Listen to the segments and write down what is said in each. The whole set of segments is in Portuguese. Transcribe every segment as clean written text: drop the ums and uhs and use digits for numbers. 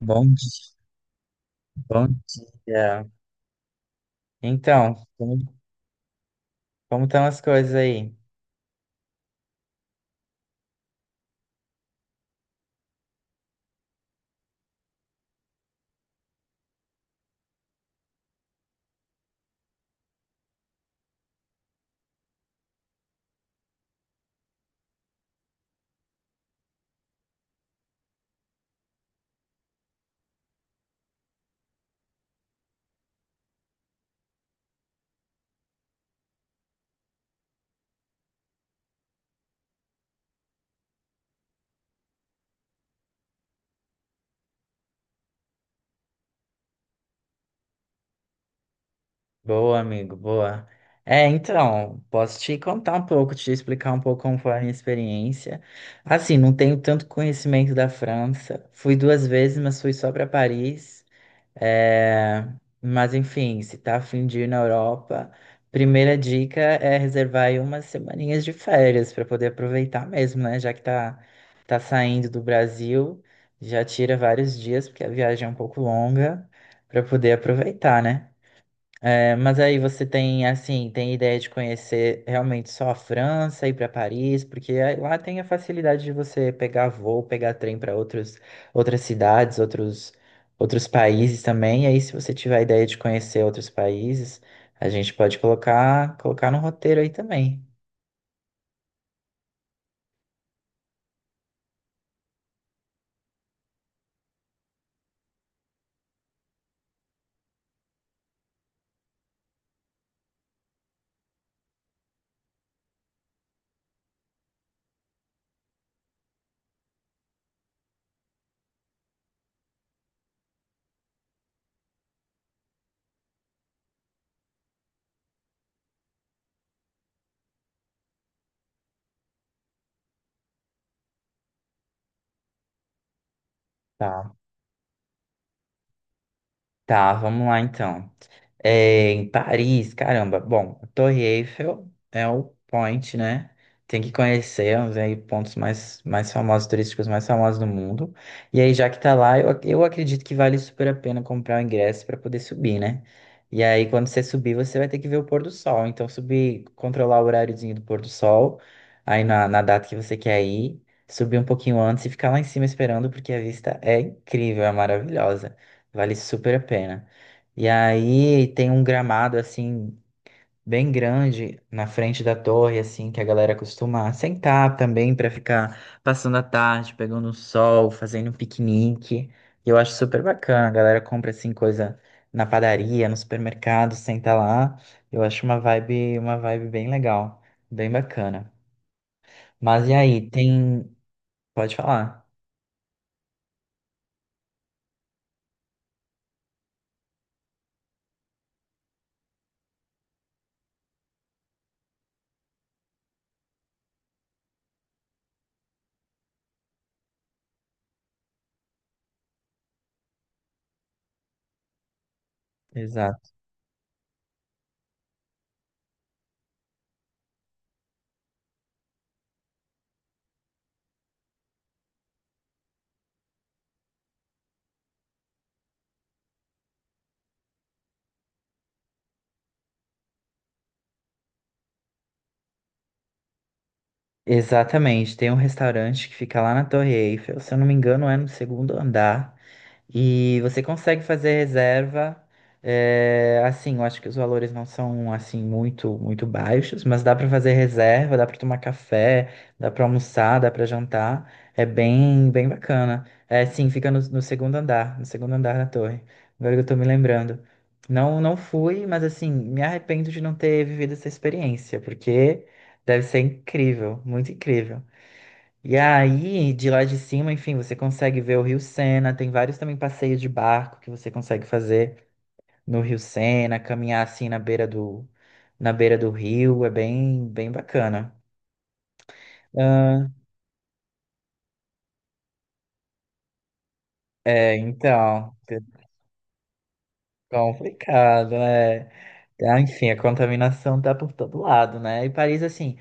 Bom dia, bom dia. Então, como estão as coisas aí? Boa, amigo, boa. É, então, posso te contar um pouco, te explicar um pouco como foi a minha experiência. Assim, não tenho tanto conhecimento da França. Fui duas vezes, mas fui só para Paris. É, mas enfim, se tá a fim de ir na Europa, primeira dica é reservar aí umas semaninhas de férias para poder aproveitar mesmo, né? Já que tá saindo do Brasil, já tira vários dias, porque a viagem é um pouco longa, para poder aproveitar, né? É, mas aí você tem, assim, tem ideia de conhecer realmente só a França, ir para Paris, porque aí lá tem a facilidade de você pegar voo, pegar trem para outras cidades, outros países também. E aí, se você tiver a ideia de conhecer outros países, a gente pode colocar no roteiro aí também. Tá, tá, vamos lá então. É, em Paris, caramba. Bom, a Torre Eiffel é o point, né? Tem que conhecer os aí pontos mais famosos, turísticos mais famosos do mundo. E aí, já que tá lá, eu acredito que vale super a pena comprar o ingresso para poder subir, né? E aí, quando você subir, você vai ter que ver o pôr do sol. Então, subir, controlar o horáriozinho do pôr do sol, aí na data que você quer ir, subir um pouquinho antes e ficar lá em cima esperando, porque a vista é incrível, é maravilhosa. Vale super a pena. E aí tem um gramado assim bem grande na frente da torre, assim, que a galera costuma sentar também para ficar passando a tarde, pegando o sol, fazendo um piquenique. E eu acho super bacana. A galera compra assim coisa na padaria, no supermercado, senta lá. Eu acho uma vibe bem legal, bem bacana. Mas e aí, pode falar. Exato. Exatamente, tem um restaurante que fica lá na Torre Eiffel, se eu não me engano, é no segundo andar. E você consegue fazer reserva. É, assim, eu acho que os valores não são assim muito muito baixos, mas dá para fazer reserva, dá para tomar café, dá para almoçar, dá para jantar. É bem bem bacana. É, sim, fica no segundo andar da torre. Agora que eu tô me lembrando. Não fui, mas assim, me arrependo de não ter vivido essa experiência, porque deve ser incrível, muito incrível. E aí, de lá de cima, enfim, você consegue ver o Rio Sena. Tem vários também passeios de barco que você consegue fazer no Rio Sena, caminhar assim na beira do rio. É bem, bem bacana. Ah, é, então, que complicado, né? Ah, enfim, a contaminação tá por todo lado, né? E Paris, assim,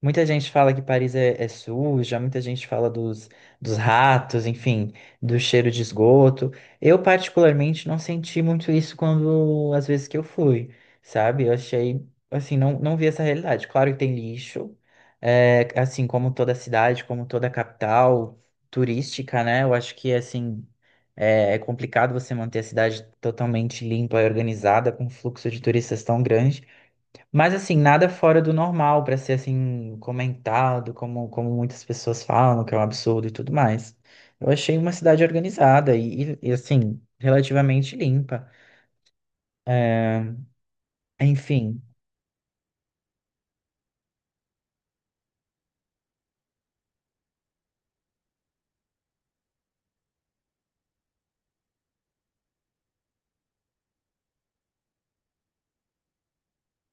muita gente fala que Paris é suja, muita gente fala dos ratos, enfim, do cheiro de esgoto. Eu, particularmente, não senti muito isso quando, às vezes que eu fui, sabe? Eu achei, assim, não vi essa realidade. Claro que tem lixo, é, assim, como toda cidade, como toda capital turística, né? Eu acho que, assim, é complicado você manter a cidade totalmente limpa e organizada, com um fluxo de turistas tão grande. Mas assim, nada fora do normal para ser assim comentado, como muitas pessoas falam, que é um absurdo e tudo mais. Eu achei uma cidade organizada e, assim, relativamente limpa. É, enfim,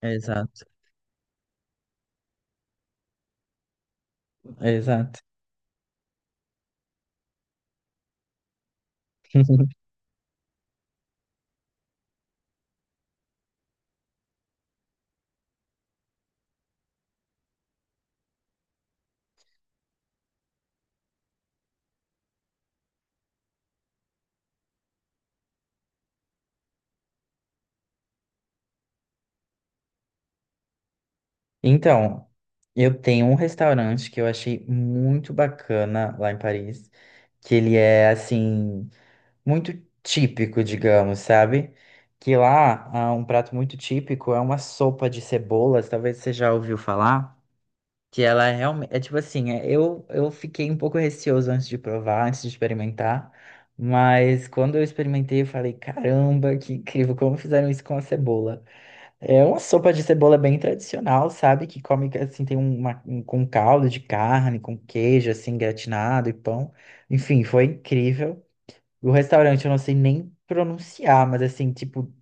exato, exato. Então, eu tenho um restaurante que eu achei muito bacana lá em Paris, que ele é assim, muito típico, digamos, sabe? Que lá, ah, um prato muito típico é uma sopa de cebolas, talvez você já ouviu falar, que ela é realmente, é tipo assim, eu fiquei um pouco receoso antes de provar, antes de experimentar, mas quando eu experimentei, eu falei, caramba, que incrível, como fizeram isso com a cebola? É uma sopa de cebola bem tradicional, sabe? Que come, assim, tem com caldo de carne, com queijo, assim, gratinado e pão. Enfim, foi incrível. O restaurante eu não sei nem pronunciar, mas assim, tipo,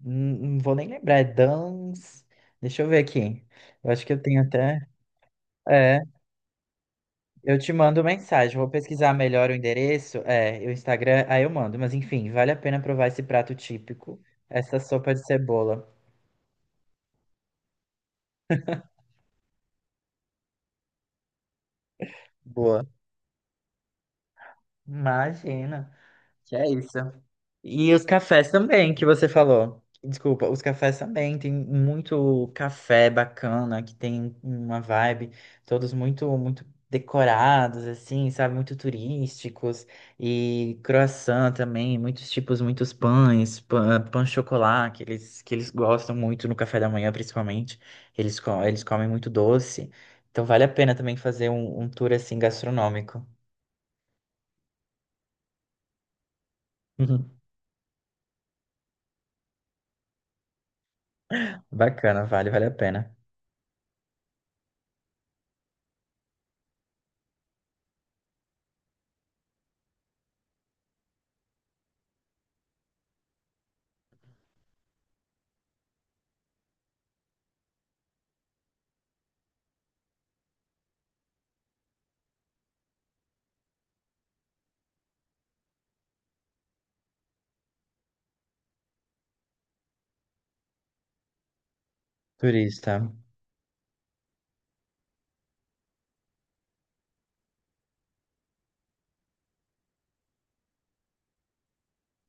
não vou nem lembrar. É Dans. Deixa eu ver aqui. Eu acho que eu tenho até. É, eu te mando mensagem. Vou pesquisar melhor o endereço. É, o Instagram, aí eu mando. Mas enfim, vale a pena provar esse prato típico, essa sopa de cebola. Boa. Imagina. Que é isso. E os cafés também, que você falou. Desculpa, os cafés também. Tem muito café bacana, que tem uma vibe, todos muito, muito decorados, assim, sabe? Muito turísticos. E croissant também, muitos tipos, muitos pães, pão, de chocolate, que eles gostam muito no café da manhã, principalmente. Eles comem muito doce. Então vale a pena também fazer um tour assim gastronômico. Bacana, vale a pena. Turista.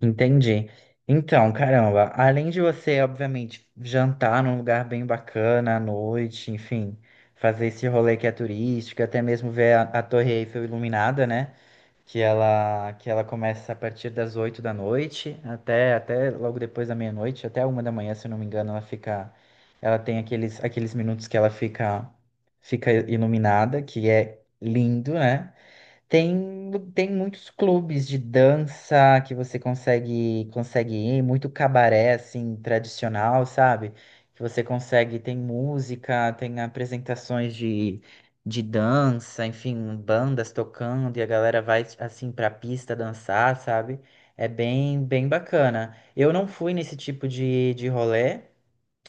Entendi. Então, caramba, além de você, obviamente, jantar num lugar bem bacana à noite, enfim, fazer esse rolê que é turístico, até mesmo ver a Torre Eiffel iluminada, né? Que ela começa a partir das 8 da noite até logo depois da meia-noite, até 1 da manhã, se eu não me engano, ela tem aqueles minutos que ela fica iluminada, que é lindo, né? Tem muitos clubes de dança que você consegue ir, muito cabaré assim tradicional, sabe? Que você consegue, tem música, tem apresentações de dança, enfim, bandas tocando e a galera vai assim pra pista dançar, sabe? É bem bem bacana. Eu não fui nesse tipo de rolê,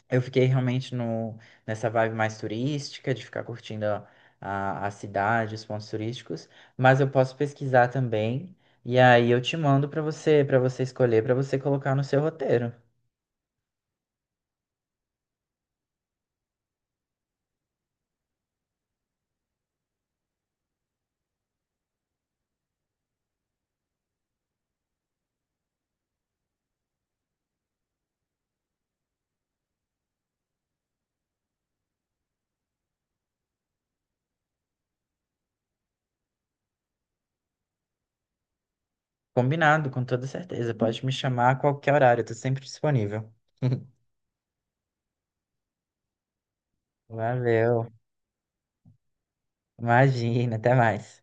eu fiquei realmente no, nessa vibe mais turística, de ficar curtindo a cidade, os pontos turísticos, mas eu posso pesquisar também, e aí eu te mando para você escolher, para você colocar no seu roteiro. Combinado, com toda certeza. Pode me chamar a qualquer horário, eu tô sempre disponível. Valeu. Imagina, até mais.